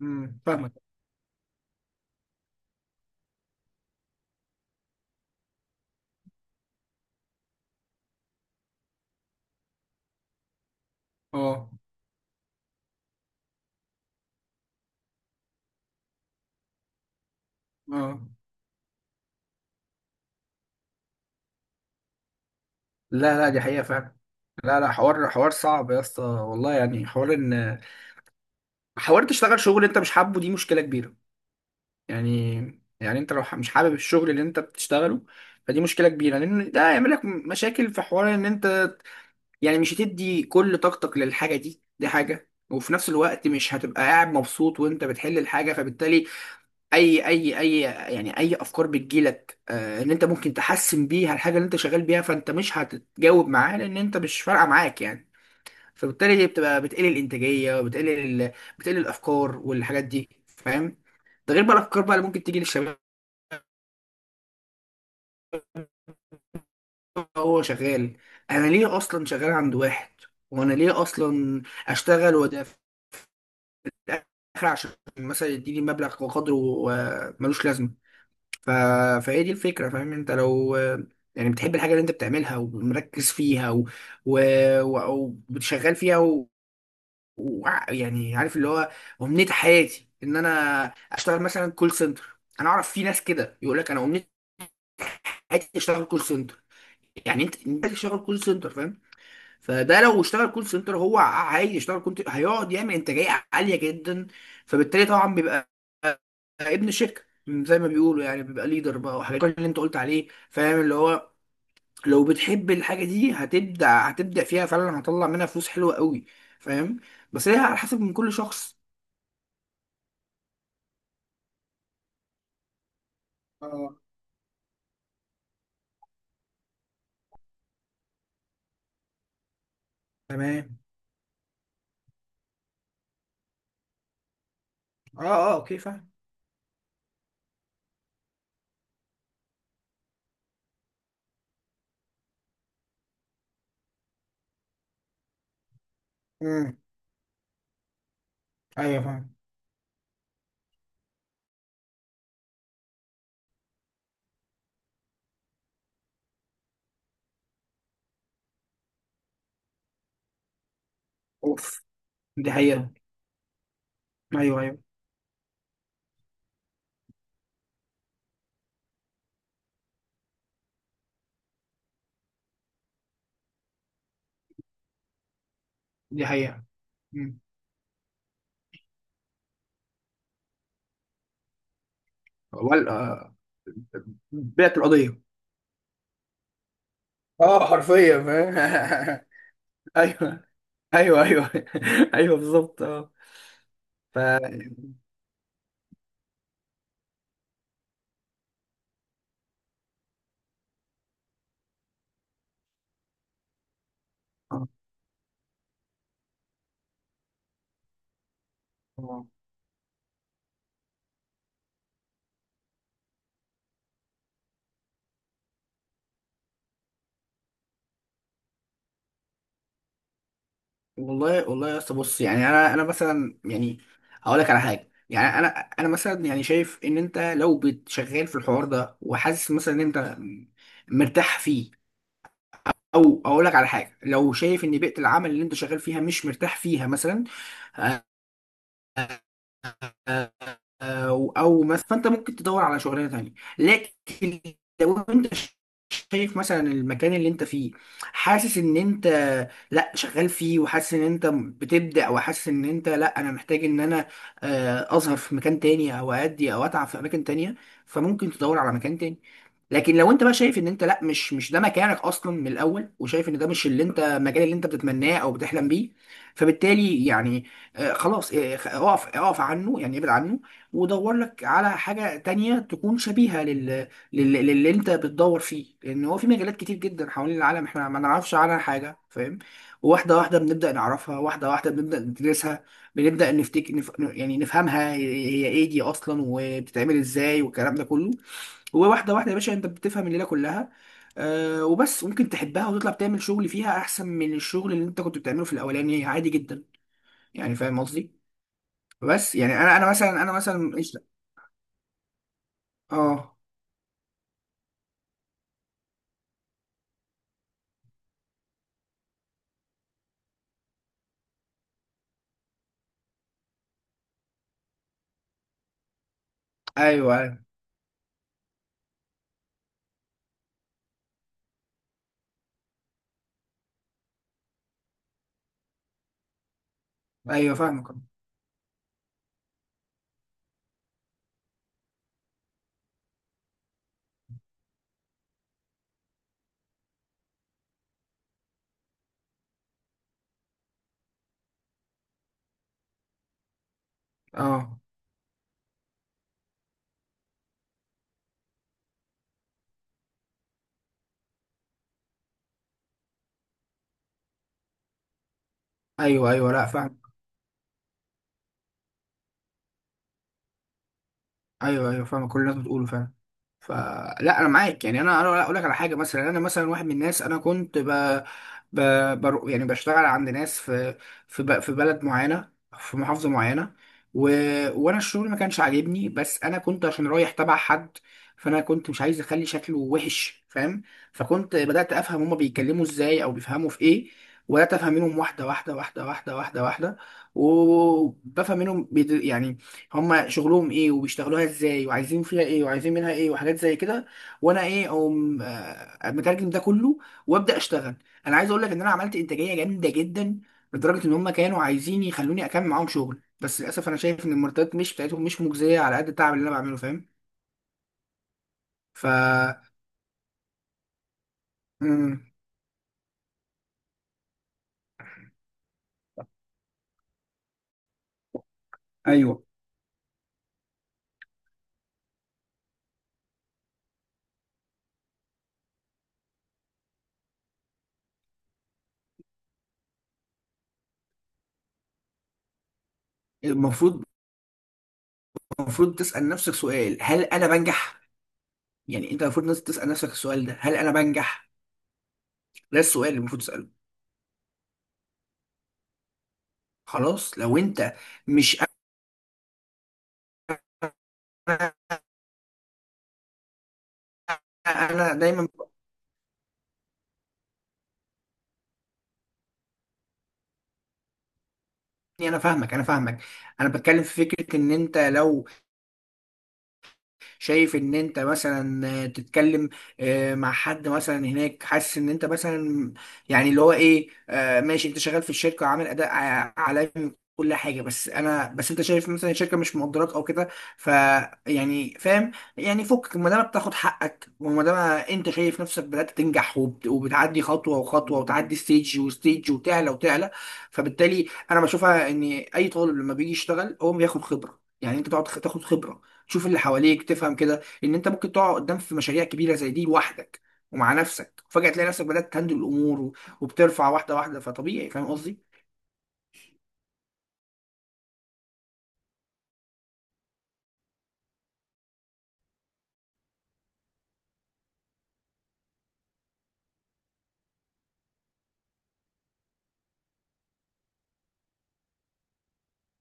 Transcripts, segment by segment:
فاهمك. اه، اه، لا لا، دي حقيقة فعلا. لا لا، حوار صعب يا اسطى، والله. يعني حوار ان، حوار تشتغل شغل انت مش حابه، دي مشكلة كبيرة. يعني، يعني انت لو مش حابب الشغل اللي انت بتشتغله، فدي مشكلة كبيرة، لان ده هيعمل لك مشاكل في حوار ان انت يعني مش هتدي كل طاقتك للحاجة دي، دي حاجة. وفي نفس الوقت مش هتبقى قاعد مبسوط وانت بتحل الحاجة، فبالتالي اي اي اي، يعني اي افكار بتجيلك ان انت ممكن تحسن بيها الحاجه اللي انت شغال بيها، فانت مش هتتجاوب معاه لان انت مش فارقه معاك يعني. فبالتالي دي بتبقى بتقلل الانتاجيه، بتقلل الافكار والحاجات دي، فاهم؟ ده غير بقى الافكار بقى اللي ممكن تيجي للشباب. هو شغال، انا ليه اصلا شغال عند واحد، وانا ليه اصلا اشتغل؟ وده في الاخر عشان مثلا يديني مبلغ وقدره ملوش لازمه. ف... فهي دي الفكرة، فاهم؟ انت لو يعني بتحب الحاجة اللي انت بتعملها ومركز فيها و... و... وبتشغال فيها يعني عارف اللي هو أمنية حياتي ان انا اشتغل مثلا كول سنتر، انا اعرف في ناس كده يقول لك انا أمنية حياتي اشتغل كول سنتر. يعني انت تشتغل كول سنتر، فاهم؟ فده لو اشتغل كول سنتر هو عايز يشتغل كول، هيقعد يعمل انتاجية عالية جدا. فبالتالي طبعا بيبقى ابن شركه زي ما بيقولوا يعني، بيبقى ليدر بقى وحاجات اللي انت قلت عليه، فاهم؟ اللي هو لو بتحب الحاجه دي، هتبدع فيها فعلا، هتطلع منها فلوس حلوه قوي، فاهم؟ بس هي على حسب من كل شخص. اه تمام. اه، اه، اوكي، فاهم. امم ايوه، فاهم. اوف، دي حقيقه. ايوه ايوه، دي حقيقه. امم وال بعت القضيه. اه حرفيا، فاهم. ايوه، ايوه ايوه. ايوه بالظبط، اه. ف آه. والله والله يا اسطى، بص. يعني انا مثلا يعني هقول لك على حاجه. يعني انا مثلا يعني شايف ان انت لو بتشغال في الحوار ده وحاسس مثلا ان انت مرتاح فيه، او اقول لك على حاجه، لو شايف ان بيئه العمل اللي انت شغال فيها مش مرتاح فيها مثلا، او مثلا فانت ممكن تدور على شغلانه تانية. لكن لو انت شايف مثلا المكان اللي انت فيه، حاسس ان انت لا شغال فيه، وحاسس ان انت بتبدأ، او حاسس ان انت لا، انا محتاج ان انا اظهر في مكان تاني، او ادي، او اتعب في اماكن تانية، فممكن تدور على مكان تاني. لكن لو انت بقى شايف ان انت لا، مش ده مكانك اصلا من الاول، وشايف ان ده مش اللي انت، المجال اللي انت بتتمناه او بتحلم بيه، فبالتالي يعني خلاص، اقف اقف عنه، يعني ابعد عنه. ودور لك على حاجه تانية تكون شبيهه للي انت بتدور فيه، لان هو في مجالات كتير جدا حوالين العالم احنا ما نعرفش عنها حاجه، فاهم؟ واحده واحده بنبدا نعرفها، واحده واحده بنبدا ندرسها، بنبدا نفتك، يعني نفهمها هي ايه دي اصلا، وبتتعمل ازاي، والكلام ده كله. وواحده واحده يا باشا انت بتفهم الليله كلها. آه، وبس ممكن تحبها وتطلع تعمل شغل فيها احسن من الشغل اللي انت كنت بتعمله في الاولاني، عادي جدا. يعني فاهم قصدي؟ بس يعني انا مثلا، انا مثلا ايش. اه، ايوه ايوه. ايوه فاهمك. اه ايوه ايوه، لا فاهمك. ايوه ايوه، فاهم، كل الناس بتقوله فعلا. فلا، انا معاك يعني. انا اقول لك على حاجه مثلا، يعني انا مثلا واحد من الناس، انا كنت ب... يعني بشتغل عند ناس في، في في بلد معينه، في محافظه معينه، و... وانا الشغل ما كانش عاجبني، بس انا كنت عشان رايح تبع حد، فانا كنت مش عايز اخلي شكله وحش، فاهم؟ فكنت بدات افهم هما بيتكلموا ازاي او بيفهموا في ايه، وبدات افهم منهم واحده واحده واحده واحده واحده واحده، وبفهم منهم يعني هما شغلهم ايه وبيشتغلوها ازاي، وعايزين فيها ايه وعايزين منها ايه، وحاجات زي كده. وانا ايه، اقوم مترجم ده كله وابدا اشتغل. انا عايز اقول لك ان انا عملت انتاجيه جامده جدا، لدرجه ان هما كانوا عايزين يخلوني اكمل معاهم شغل، بس للاسف انا شايف ان المرتبات مش بتاعتهم مش مجزيه على قد التعب اللي انا بعمله، فاهم؟ ف امم ايوه. المفروض، المفروض تسال نفسك سؤال: هل انا بنجح؟ يعني انت المفروض ناس تسال نفسك السؤال ده: هل انا بنجح؟ ده السؤال اللي المفروض تساله. خلاص لو انت مش، انا دايما بقول، إني فاهمك، انا فاهمك. انا بتكلم في فكره ان انت لو شايف ان انت مثلا تتكلم مع حد مثلا هناك، حاسس ان انت مثلا يعني اللي هو ايه، ماشي، انت شغال في الشركه وعامل اداء عالمي كل حاجه، بس انا بس انت شايف مثلا الشركه مش مقدراك او كده، ف يعني فاهم؟ يعني فكك ما دام بتاخد حقك، وما دام انت شايف نفسك بدات تنجح، وبتعدي خطوه وخطوه، وتعدي ستيج وستيج، وتعلى وتعلى. فبالتالي انا بشوفها ان اي طالب لما بيجي يشتغل هو بياخد خبره، يعني انت تقعد تاخد خبره، تشوف اللي حواليك، تفهم كده ان انت ممكن تقع قدام في مشاريع كبيره زي دي لوحدك، ومع نفسك، وفجاه تلاقي نفسك بدات تهندل الامور وبترفع واحده واحده، فطبيعي، فاهم قصدي؟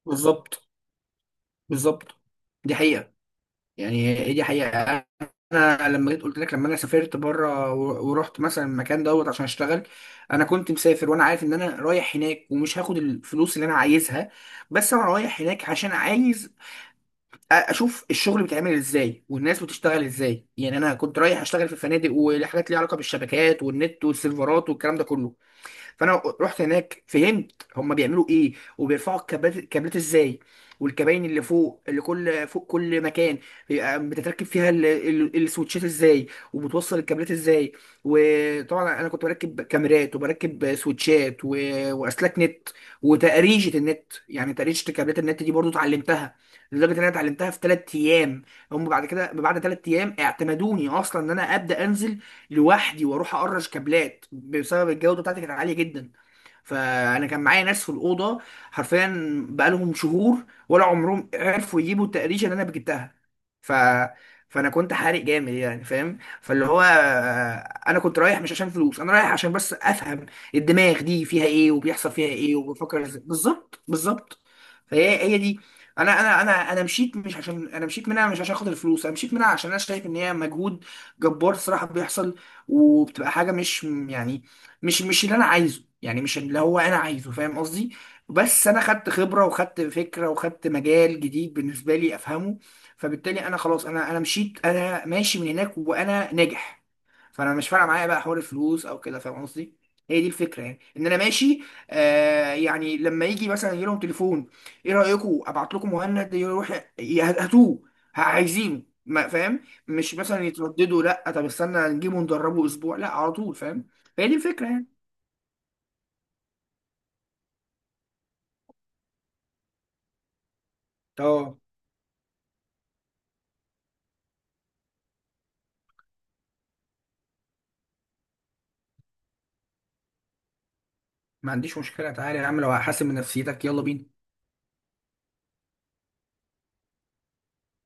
بالظبط، بالظبط، دي حقيقه، يعني هي دي حقيقه. انا لما جيت قلت لك، لما انا سافرت بره ورحت مثلا المكان دوت عشان اشتغل، انا كنت مسافر وانا عارف ان انا رايح هناك، ومش هاخد الفلوس اللي انا عايزها، بس انا رايح هناك عشان عايز اشوف الشغل بيتعمل ازاي والناس بتشتغل ازاي. يعني انا كنت رايح اشتغل في فنادق وحاجات ليها علاقه بالشبكات والنت والسيرفرات والكلام ده كله. فانا رحت هناك، فهمت هما بيعملوا ايه، وبيرفعوا الكابلات ازاي، والكباين اللي فوق اللي كل فوق كل مكان بيبقى بتتركب فيها السويتشات ازاي، وبتوصل الكابلات ازاي. وطبعا انا كنت بركب كاميرات، وبركب سويتشات واسلاك نت، وتقريشه النت. يعني تقريشه كابلات النت دي برضو اتعلمتها، لدرجه ان انا اتعلمتها في 3 ايام. هم بعد كده بعد 3 ايام اعتمدوني اصلا ان انا ابدا انزل لوحدي واروح اقرش كابلات، بسبب الجوده بتاعتي كانت عاليه جدا. فانا كان معايا ناس في الاوضه حرفيا بقالهم شهور ولا عمرهم عرفوا يجيبوا التقريشه اللي انا جبتها. ف فانا كنت حارق جامد يعني، فاهم؟ فاللي هو انا كنت رايح مش عشان فلوس، انا رايح عشان بس افهم الدماغ دي فيها ايه، وبيحصل فيها ايه، وبفكر ازاي بالظبط، بالظبط. فهي هي دي، انا مشيت، مش عشان انا مشيت منها مش عشان خاطر الفلوس، انا مشيت منها عشان انا شايف ان هي مجهود جبار الصراحه بيحصل، وبتبقى حاجه مش يعني، مش اللي انا عايزه، يعني مش اللي هو انا عايزه، فاهم قصدي؟ بس انا خدت خبره، وخدت فكره، وخدت مجال جديد بالنسبه لي افهمه. فبالتالي انا خلاص، انا مشيت، انا ماشي من هناك وانا ناجح. فانا مش فارقه معايا بقى حوار الفلوس او كده، فاهم قصدي؟ هي دي الفكره، يعني ان انا ماشي. آه، يعني لما يجي مثلا يجي لهم تليفون، ايه رايكم ابعت لكم مهند يروح، هاتوه، عايزينه، ما فاهم، مش مثلا يترددوا لا طب استنى نجيبه ندربه اسبوع، لا على طول، فاهم؟ فهي دي الفكره يعني. اه، ما عنديش مشكلة، تعالى يا عم، لو هحاسب من نفسيتك يلا بينا.